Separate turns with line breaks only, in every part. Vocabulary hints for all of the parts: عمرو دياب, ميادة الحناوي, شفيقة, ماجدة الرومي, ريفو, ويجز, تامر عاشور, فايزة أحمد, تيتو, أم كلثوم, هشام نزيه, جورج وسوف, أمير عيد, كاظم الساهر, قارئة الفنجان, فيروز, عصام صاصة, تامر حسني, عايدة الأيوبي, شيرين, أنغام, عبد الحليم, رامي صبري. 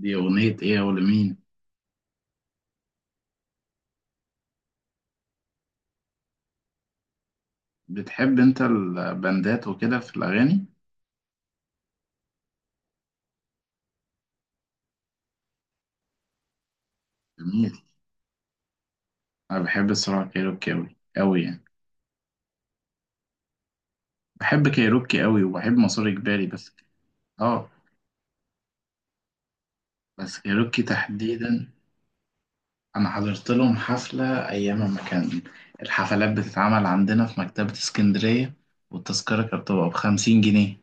دي أغنية إيه ولمين؟ بتحب أنت البندات وكده في الأغاني؟ جميل. أنا بحب الصراحة كايروكي أوي يعني. بحب كايروكي أوي وبحب مسار إجباري بس. آه، بس كايروكي تحديدا، أنا حضرت لهم حفلة أيام ما كان الحفلات بتتعمل عندنا في مكتبة اسكندرية، والتذكرة كانت بتبقى بخمسين جنيه.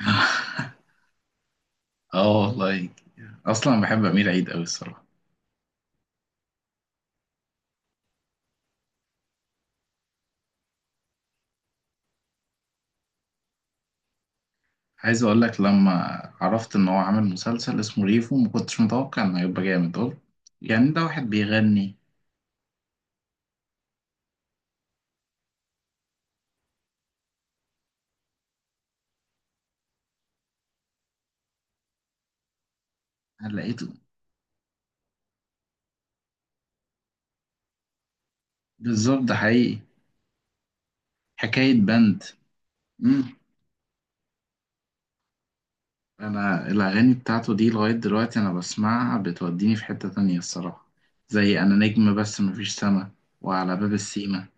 آه والله، أصلا بحب أمير عيد أوي الصراحة. عايز اقول لك، لما عرفت ان هو عامل مسلسل اسمه ريفو ما كنتش متوقع انه هيبقى جامد، قلت يعني ده واحد بيغني. أنا لقيته بالظبط، ده حقيقي، حكاية بند. مم. انا الاغاني بتاعته دي لغاية دلوقتي انا بسمعها بتوديني في حتة تانية الصراحة، زي انا نجم بس مفيش سما، وعلى باب السيما.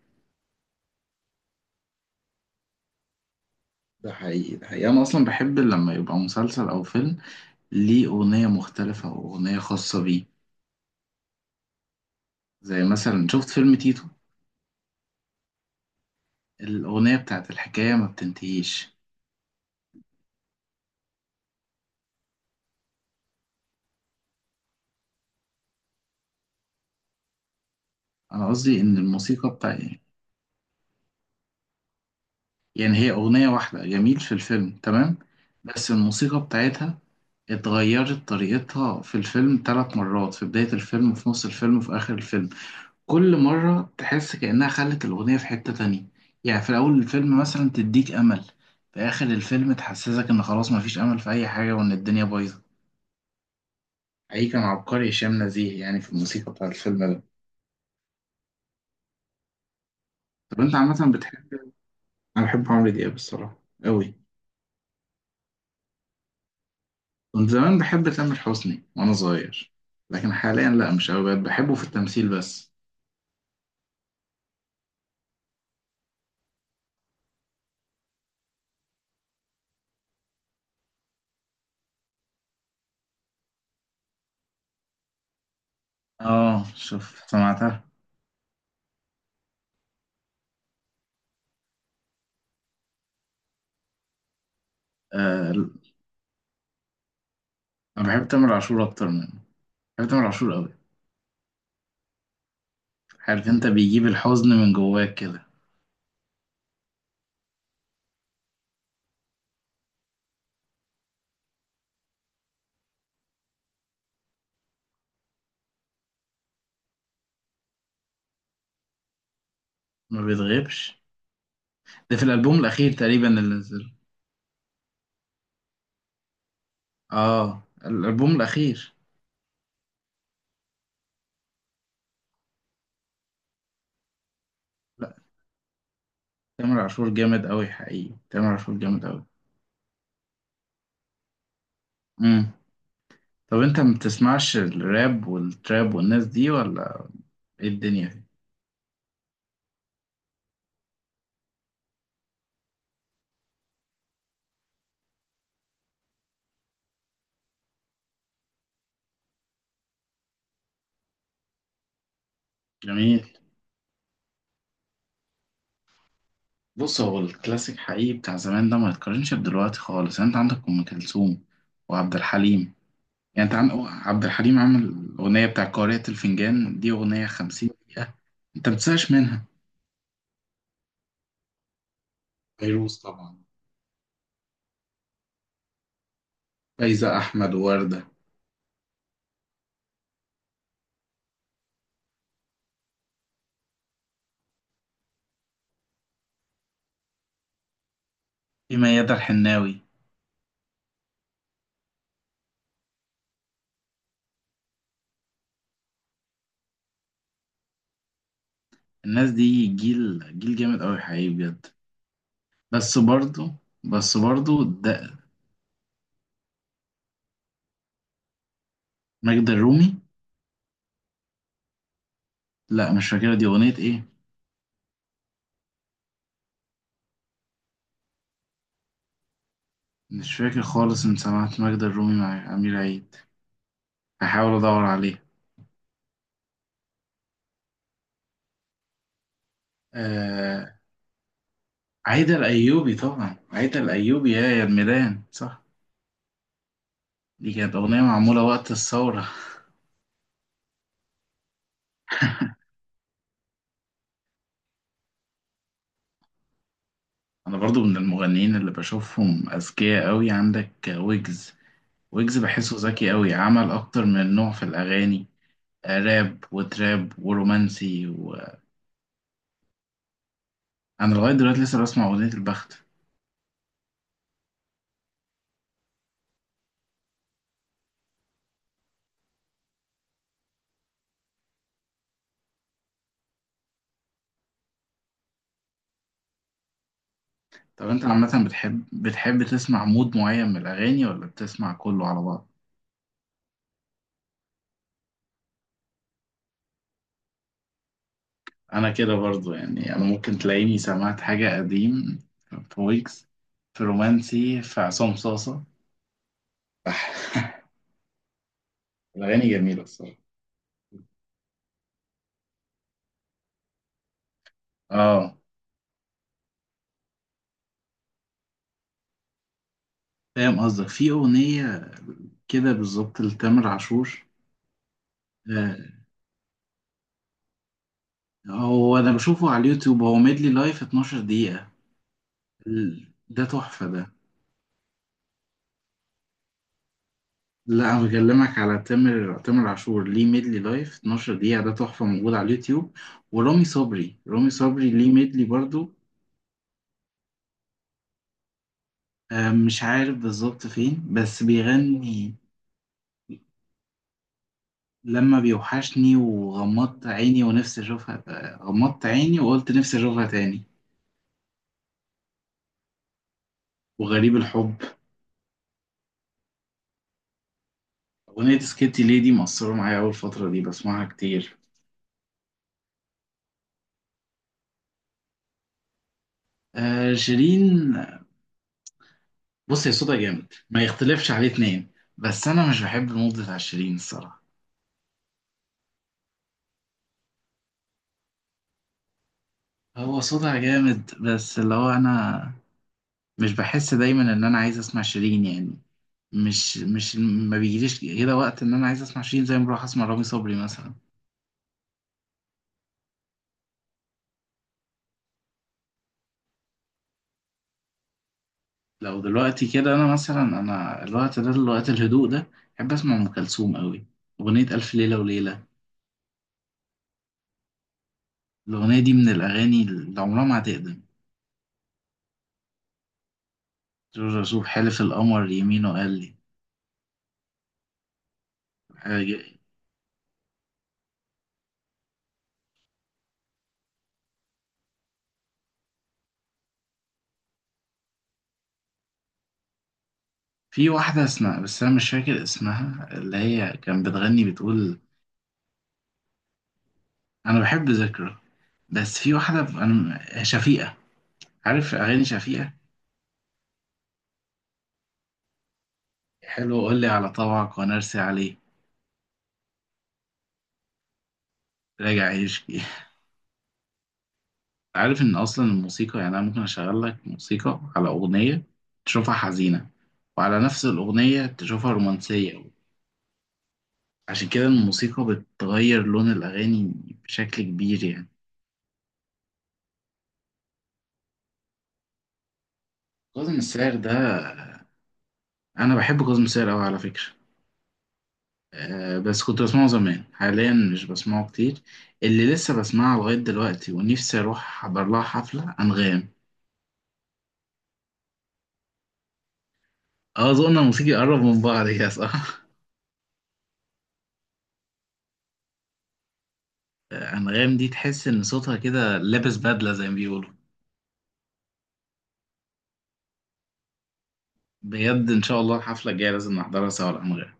ده حقيقي انا اصلا بحب لما يبقى مسلسل او فيلم ليه اغنية مختلفة واغنية خاصة بيه. زي مثلا شفت فيلم تيتو، الأغنية بتاعت الحكاية ما بتنتهيش. أنا قصدي إن الموسيقى بتاع، يعني هي أغنية واحدة جميل في الفيلم تمام، بس الموسيقى بتاعتها اتغيرت طريقتها في الفيلم ثلاث مرات، في بداية الفيلم وفي نص الفيلم وفي آخر الفيلم. كل مرة تحس كأنها خلت الأغنية في حتة تانية. يعني في أول الفيلم مثلا تديك أمل، في آخر الفيلم تحسسك إن خلاص مفيش أمل في أي حاجة وإن الدنيا بايظة. حقيقي كان عبقري هشام نزيه يعني في الموسيقى بتاع الفيلم ده. طب أنت عامة بتحب، انا بحب عمرو دياب الصراحه قوي. كنت زمان بحب تامر حسني وانا صغير، لكن حاليا لا مش قوي، بقيت بحبه في التمثيل بس. اه شوف سمعتها. آه، انا بحب تامر عاشور اكتر منه، بحب تامر عاشور قوي. عارف انت بيجيب الحزن من جواك كده. ما بيتغيبش، ده في الالبوم الاخير تقريبا اللي نزل. اه الالبوم الاخير. لا، تامر عاشور جامد قوي حقيقي تامر عاشور جامد قوي امم. طب انت ما بتسمعش الراب والتراب والناس دي ولا ايه الدنيا دي؟ جميل. بص هو الكلاسيك حقيقي بتاع زمان ده ما يتقارنش بدلوقتي خالص. يعني انت عندك ام كلثوم وعبد الحليم، يعني انت عندك عبد الحليم عمل الاغنيه بتاع قارئة الفنجان، دي اغنيه 50 دقيقه، انت ما بتزهقش منها. فيروز طبعا، فايزة احمد ووردة، في ميادة الحناوي. الناس دي جيل، جيل جامد قوي حقيقي بجد. بس برضه بس برضه ده ماجدة الرومي، لا مش فاكرة دي اغنية ايه. مش فاكر خالص ان سمعت ماجدة الرومي مع امير عيد، هحاول ادور عليها. عايدة الأيوبي، طبعا عايدة الأيوبي، يا يا الميدان صح. دي كانت أغنية معمولة وقت الثورة. أنا برضو من المغنيين اللي بشوفهم أذكياء أوي، عندك ويجز، ويجز بحسه ذكي أوي، عمل أكتر من نوع في الأغاني، راب وتراب ورومانسي. وأنا لغاية دلوقتي لسه بسمع أغنية البخت. طب أنت عامة بتحب تسمع مود معين من الأغاني ولا بتسمع كله على بعضه؟ انا كده برضو، يعني انا ممكن تلاقيني سمعت حاجة قديم، في ويجز، في رومانسي، في عصام صاصة. الاغاني جميلة الصراحة. اه فاهم قصدك، في اغنية كده بالظبط لتامر عاشور. آه، هو انا بشوفه على اليوتيوب، هو ميدلي لايف 12 دقيقة، ده تحفة ده. لا انا بكلمك على تامر عاشور ليه ميدلي لايف 12 دقيقة، ده تحفة موجود على اليوتيوب. ورامي صبري ليه ميدلي برضو. مش عارف بالظبط فين، بس بيغني لما بيوحشني، وغمضت عيني ونفسي اشوفها، غمضت عيني وقلت نفسي اشوفها تاني، وغريب الحب. اغنية سكيتي ليدي مأثرة معايا اول فترة دي، بسمعها كتير. آه شيرين، بص هي صوتها جامد ما يختلفش عليه اتنين، بس انا مش بحب المود بتاع شيرين الصراحة. هو صوتها جامد، بس اللي هو انا مش بحس دايما ان انا عايز اسمع شيرين يعني. مش ما بيجيليش كده وقت ان انا عايز اسمع شيرين زي ما بروح اسمع رامي صبري مثلا. لو دلوقتي كده انا مثلا، انا الوقت ده الوقت الهدوء ده بحب اسمع ام كلثوم قوي، اغنيه الف ليله وليله. الاغنيه دي من الاغاني اللي عمرها ما هتقدم. جورج وسوف، حلف القمر يمينه قال لي حاجة- في واحده اسمها، بس انا مش فاكر اسمها، اللي هي كان بتغني بتقول، انا بحب ذكرى. بس في واحده انا شفيقه، عارف اغاني شفيقه؟ حلو قول لي على طبعك ونرسي عليه. راجع يشكي. عارف ان اصلا الموسيقى، يعني انا ممكن اشغل لك موسيقى على اغنيه تشوفها حزينه، وعلى نفس الاغنيه تشوفها رومانسيه. عشان كده الموسيقى بتغير لون الاغاني بشكل كبير يعني. كاظم الساهر ده، انا بحب كاظم الساهر قوي على فكره. أه، بس كنت بسمعه زمان، حاليا مش بسمعه كتير. اللي لسه بسمعها لغايه دلوقتي ونفسي اروح احضر لها حفله، انغام. اه، ذوقنا الموسيقي قرب من بعض كده صح. أنغام دي تحس إن صوتها كده لابس بدلة زي ما بيقولوا. بجد إن شاء الله الحفلة الجاية لازم نحضرها سوا، الأنغام.